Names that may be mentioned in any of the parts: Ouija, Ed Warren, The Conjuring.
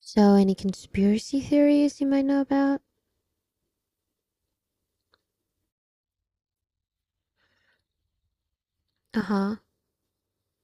So, any conspiracy theories you might know about? Uh huh.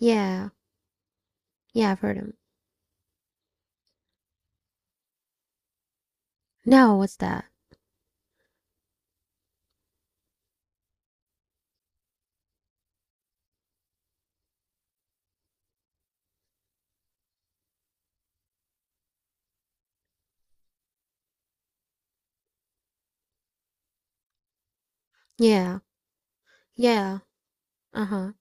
Yeah. Yeah, I've heard them. No, what's that? Yeah. Yeah. Uh huh.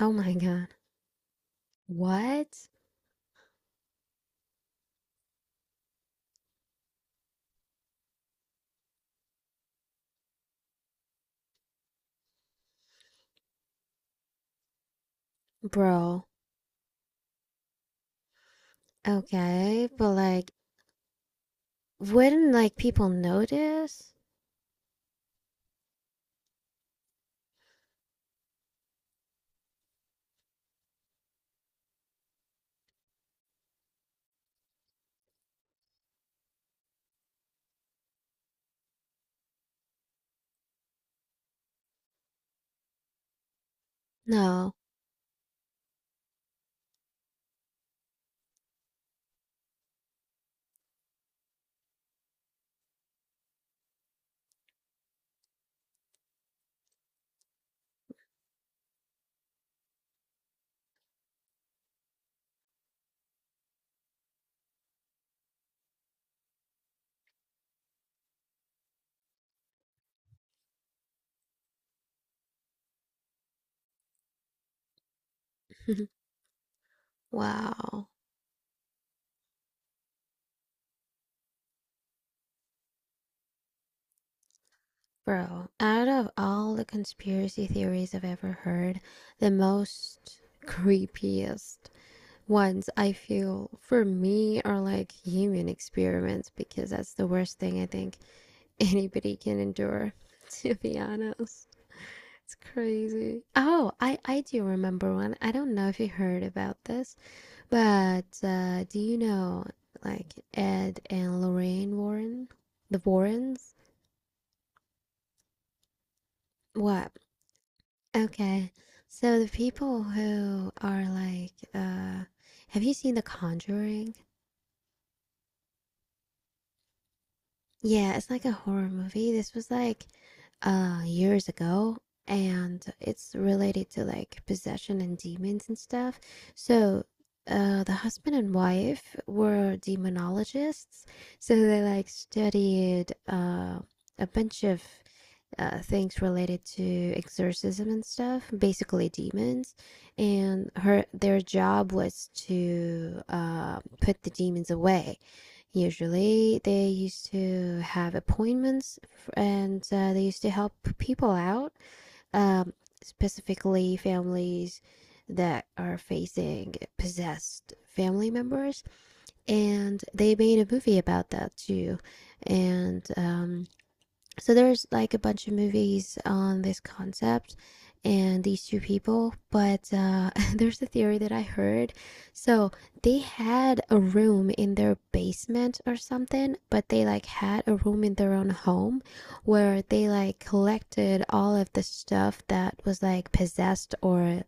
Oh my god. What? Bro. Okay, but like, wouldn't like people notice? No. Wow. Bro, out of all the conspiracy theories I've ever heard, the most creepiest ones I feel for me are like human experiments, because that's the worst thing I think anybody can endure, to be honest. It's crazy. Oh, I do remember one. I don't know if you heard about this, but do you know like Ed and Lorraine Warren? The Warrens? What? Okay. So the people who are like, have you seen The Conjuring? Yeah, it's like a horror movie. This was like years ago, and it's related to like possession and demons and stuff. So, the husband and wife were demonologists, so they like studied a bunch of things related to exorcism and stuff, basically demons. And her their job was to put the demons away. Usually, they used to have appointments, and they used to help people out, um, specifically families that are facing possessed family members. And they made a movie about that too. And so there's like a bunch of movies on this concept and these two people, but there's a theory that I heard. So they had a room in their basement or something, but they like had a room in their own home where they like collected all of the stuff that was like possessed or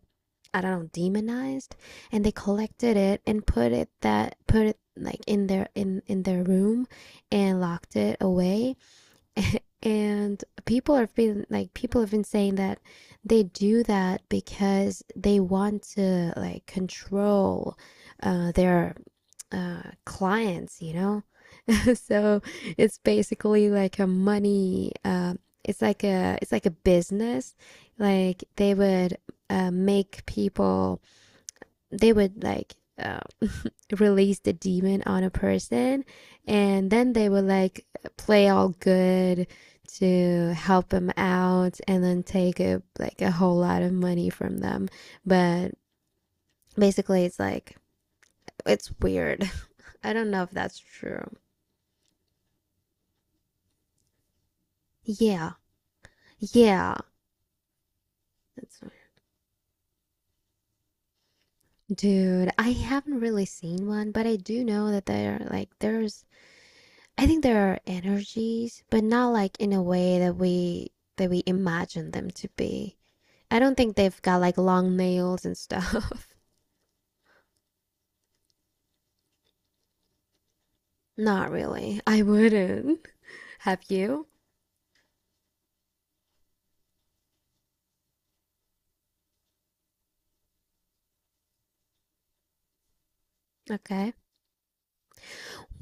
I don't know demonized, and they collected it and put it, that put it like in their room and locked it away. And people have been saying that they do that because they want to like control their clients you know. So it's basically like a money it's like a business. Like they would make people, they would like release the demon on a person, and then they would like play all good to help them out, and then take a, like a whole lot of money from them. But basically it's like it's weird. I don't know if that's true. Yeah, yeah, that's weird. Dude, I haven't really seen one, but I do know that there like there's I think there are energies, but not like in a way that we imagine them to be. I don't think they've got like long nails and stuff. Not really. I wouldn't. Have you? Okay.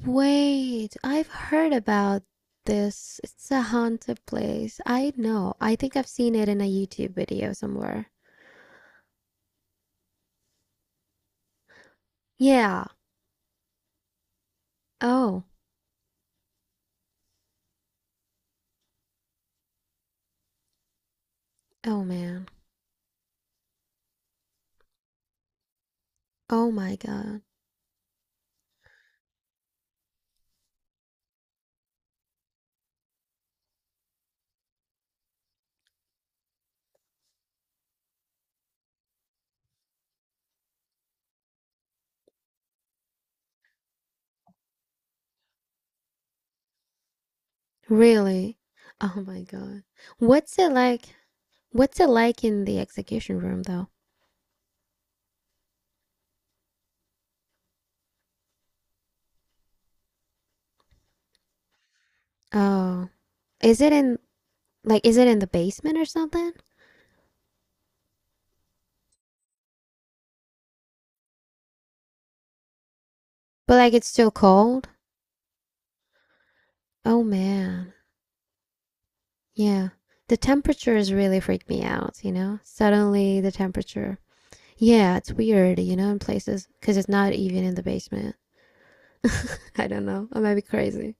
Wait, I've heard about this. It's a haunted place. I know. I think I've seen it in a YouTube video somewhere. Yeah. Oh. Oh man. Oh my god. Really? Oh my god. What's it like? What's it like in the execution room though? Oh, is it in like is it in the basement or something? But like it's still cold? Oh man. Yeah. The temperatures really freak me out, you know? Suddenly the temperature. Yeah, it's weird, you know, in places cuz it's not even in the basement. I don't know. I might be crazy.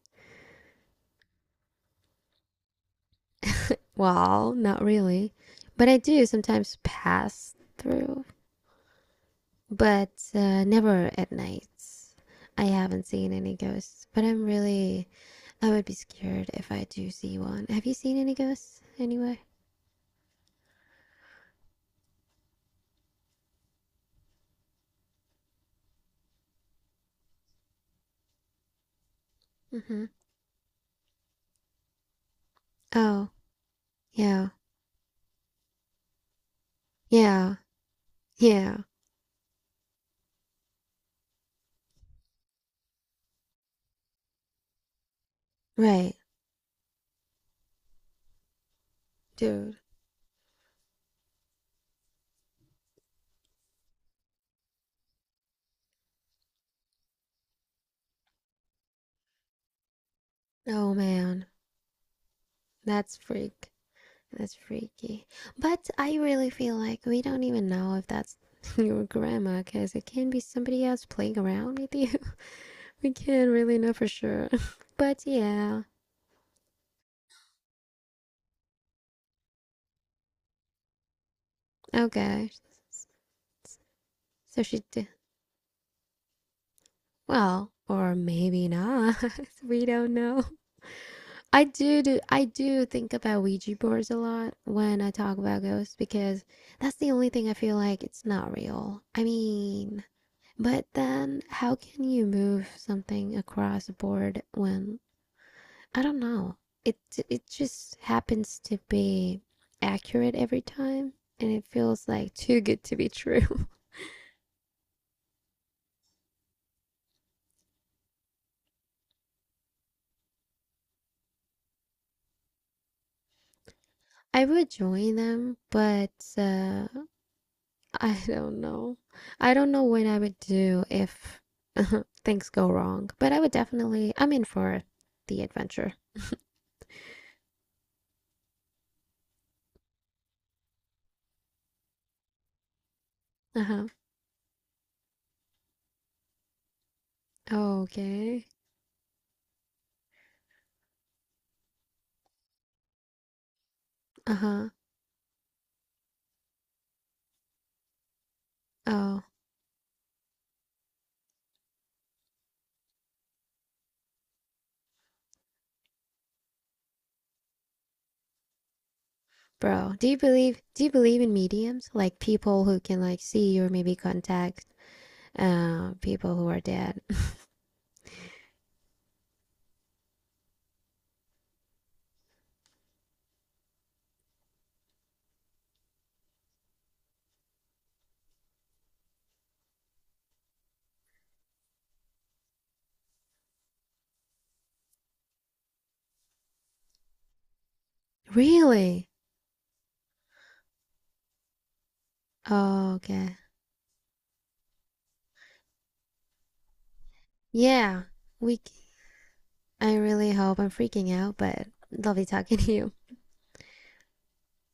Well, not really. But I do sometimes pass through, but never at nights. I haven't seen any ghosts, but I'm really, I would be scared if I do see one. Have you seen any ghosts anyway? Mm-hmm. Oh, yeah, yeah, yeah. Right, dude. Oh man, that's freak. That's freaky. But I really feel like we don't even know if that's your grandma, because it can be somebody else playing around with you. We can't really know for sure. But yeah, okay. So she did, well, or maybe not. We don't know. I do, do I do think about Ouija boards a lot when I talk about ghosts, because that's the only thing I feel like it's not real. I mean, but then how can you move something across a board when I don't know. It it just happens to be accurate every time, and it feels like too good to be true. I would join them, but uh I don't know. I don't know what I would do if things go wrong, but I would definitely, I'm in for the adventure. Uh-huh. Okay. Uh-huh. Oh, bro, do you believe in mediums? Like people who can like see or maybe contact people who are dead. Really? Oh, okay. Yeah. We I really hope, I'm freaking out, but love you talking to you.